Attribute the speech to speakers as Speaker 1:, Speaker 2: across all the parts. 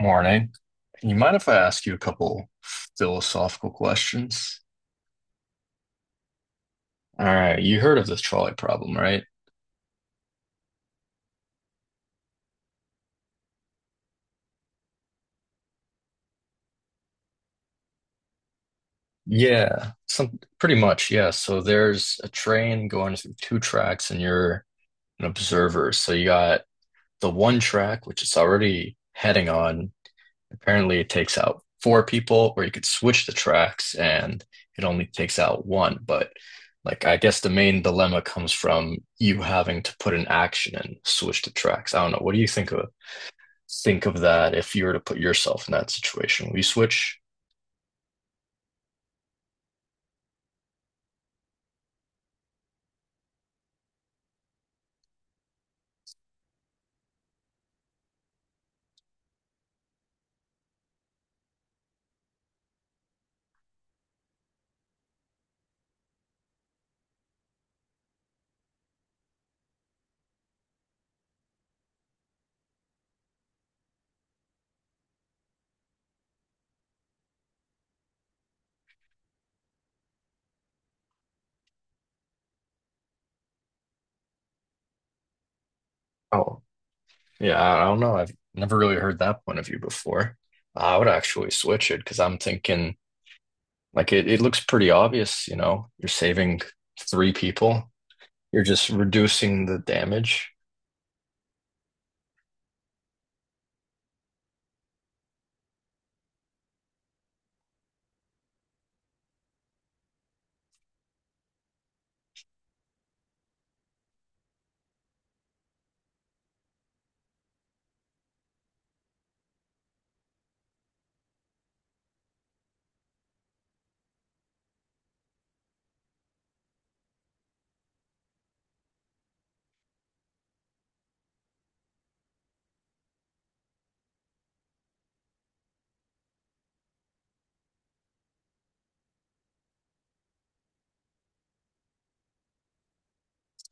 Speaker 1: Morning. You mind if I ask you a couple philosophical questions? All right, you heard of the trolley problem, right? Yeah, some pretty much, yeah. So there's a train going through two tracks and you're an observer. So you got the one track, which it's already heading on. Apparently, it takes out four people, or you could switch the tracks and it only takes out one. But like, I guess the main dilemma comes from you having to put an action and switch the tracks. I don't know. What do you think of that if you were to put yourself in that situation? Will you switch? Oh, yeah. I don't know. I've never really heard that point of view before. I would actually switch it because I'm thinking like it looks pretty obvious, you're saving three people. You're just reducing the damage.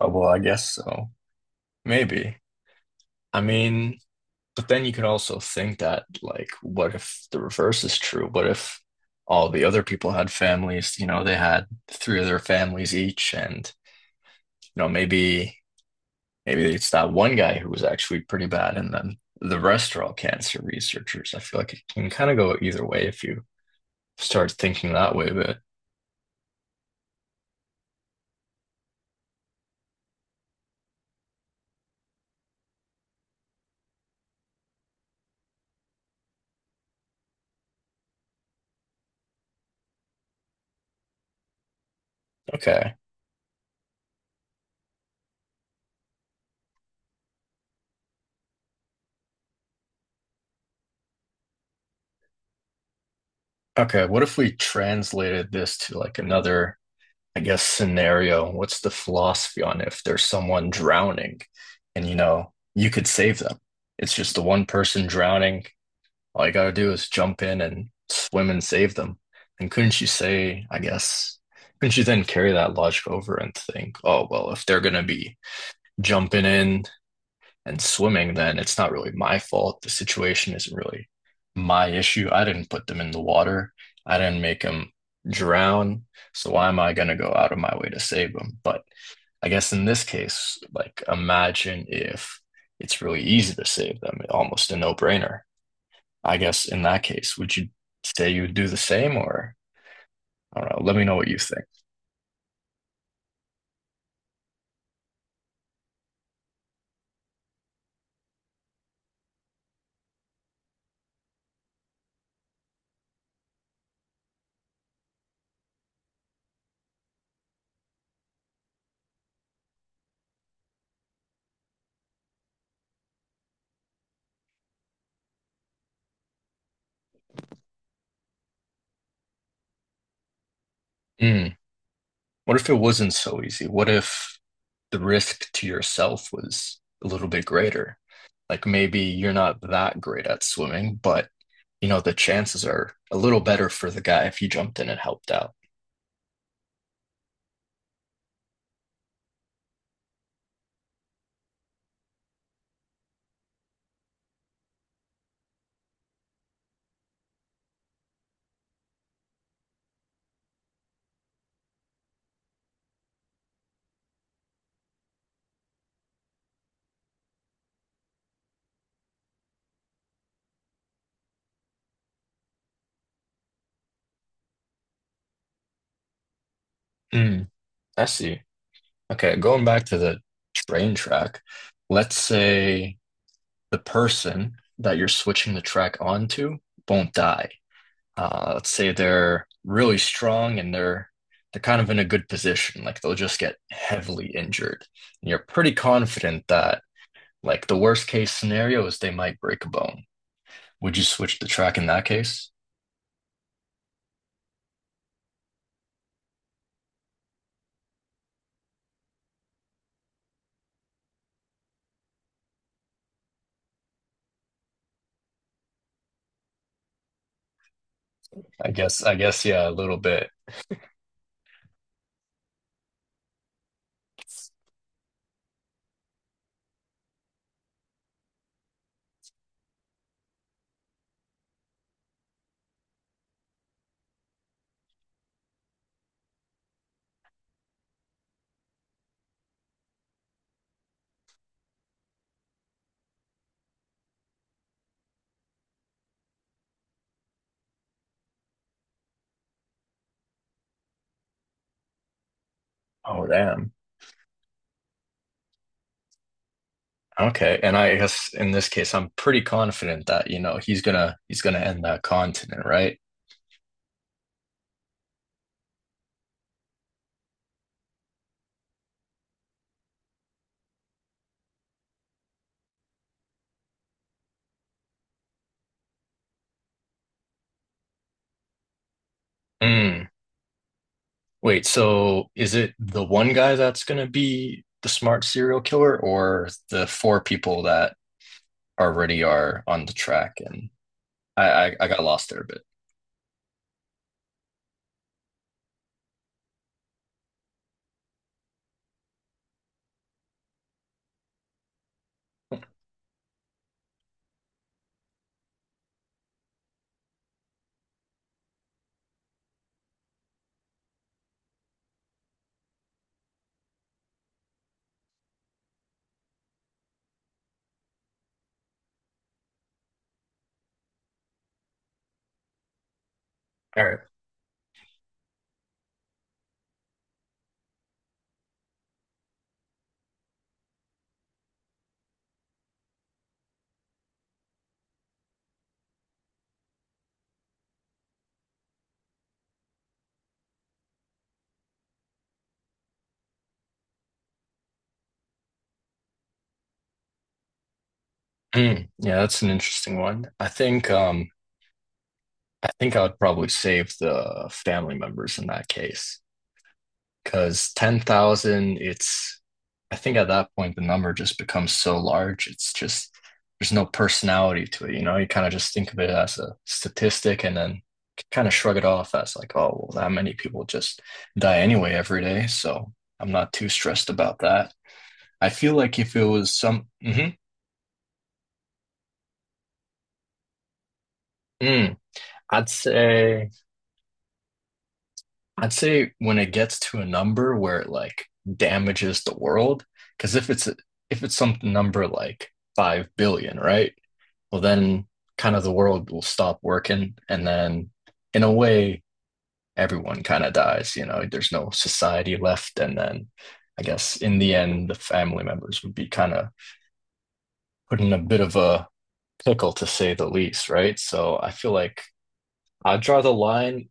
Speaker 1: Oh, well, I guess so. Maybe. I mean, but then you could also think that, like, what if the reverse is true? What if all the other people had families, they had three of their families each, and, you know, maybe maybe it's that one guy who was actually pretty bad, and then the rest are all cancer researchers. I feel like it can kind of go either way if you start thinking that way, but. Okay. Okay, what if we translated this to like another, I guess, scenario? What's the philosophy on if there's someone drowning and you could save them? It's just the one person drowning. All you gotta do is jump in and swim and save them. And couldn't you say, I guess, couldn't you then carry that logic over and think, oh, well, if they're gonna be jumping in and swimming, then it's not really my fault. The situation isn't really my issue. I didn't put them in the water. I didn't make them drown. So why am I going to go out of my way to save them? But I guess in this case, like imagine if it's really easy to save them, almost a no-brainer. I guess in that case, would you say you would do the same or I don't know, let me know what you think. Hmm. What if it wasn't so easy? What if the risk to yourself was a little bit greater. Like maybe you're not that great at swimming, but the chances are a little better for the guy if he jumped in and helped out. Mm, I see. Okay, going back to the train track, let's say the person that you're switching the track onto won't die. Let's say they're really strong and they're kind of in a good position, like they'll just get heavily injured. And you're pretty confident that. Like, the worst case scenario is they might break a bone. Would you switch the track in that case? I guess, yeah, a little bit. Oh, damn. Okay. And I guess in this case, I'm pretty confident that, he's gonna end that continent, right? Mm. Wait, so is it the one guy that's gonna be the smart serial killer or the four people that already are on the track? And I I, I got lost there a bit. All right. Mm. Yeah, that's an interesting one. I think I would probably save the family members in that case because 10,000, it's, I think at that point, the number just becomes so large. It's just, there's no personality to it. You kind of just think of it as a statistic and then kind of shrug it off as like, oh, well, that many people just die anyway every day. So I'm not too stressed about that. I feel like if it was some. Mhm. Mm. I'd say. I'd say when it gets to a number where it like damages the world, because if it's some number like 5 billion, right? Well, then kind of the world will stop working, and then in a way, everyone kind of dies. There's no society left, and then I guess in the end, the family members would be kind of put in a bit of a pickle to say the least, right? So I feel like I draw the line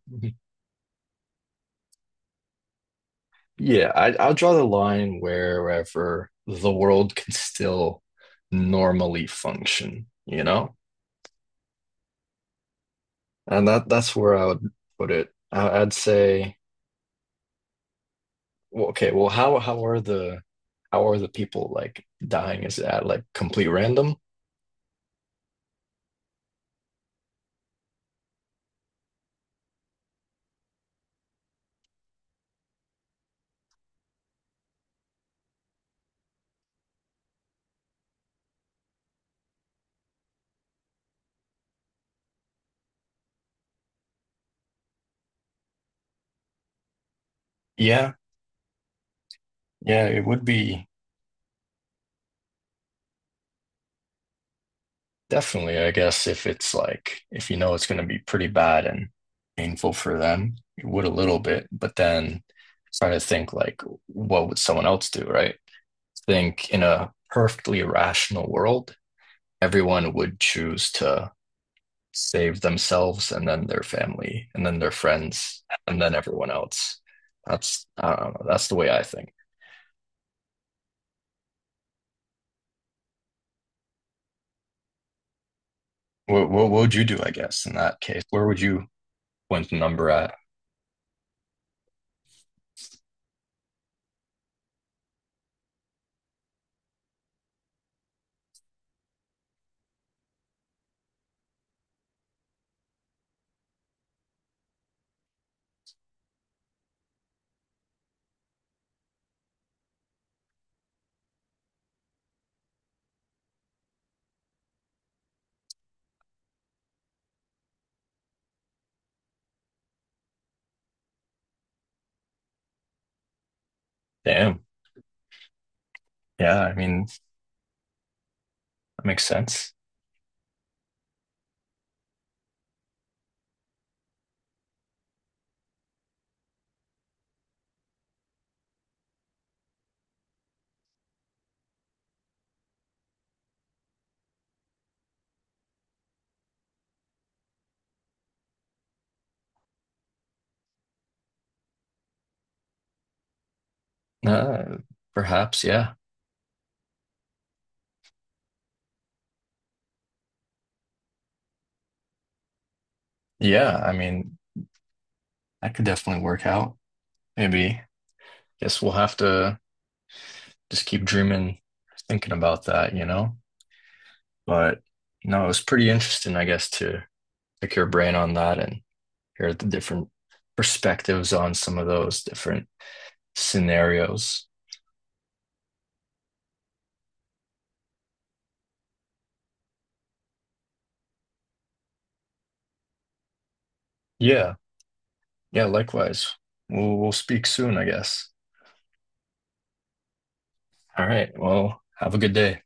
Speaker 1: I'll draw the line wherever the world can still normally function, you know? And that's where I would put it. I'd say, well, okay, well, how are the people like dying? Is that like complete random? Yeah, yeah, it would be definitely, I guess, if it's like if you know it's going to be pretty bad and painful for them, it would a little bit, but then try to think like, what would someone else do, right? Think in a perfectly rational world, everyone would choose to save themselves and then their family and then their friends and then everyone else. That's I don't know. That's the way I think. What would you do? I guess in that case, where would you point the number at? Damn. Yeah. I mean, that makes sense. Uh, perhaps. Yeah. Yeah. I mean, that could definitely work out. Maybe. Guess we'll have to just keep dreaming, thinking about that. You know. But no, it was pretty interesting, I guess, to pick your brain on that and hear the different perspectives on some of those different scenarios. Yeah, yeah, likewise. We'll speak soon, I guess. All right. Well, have a good day.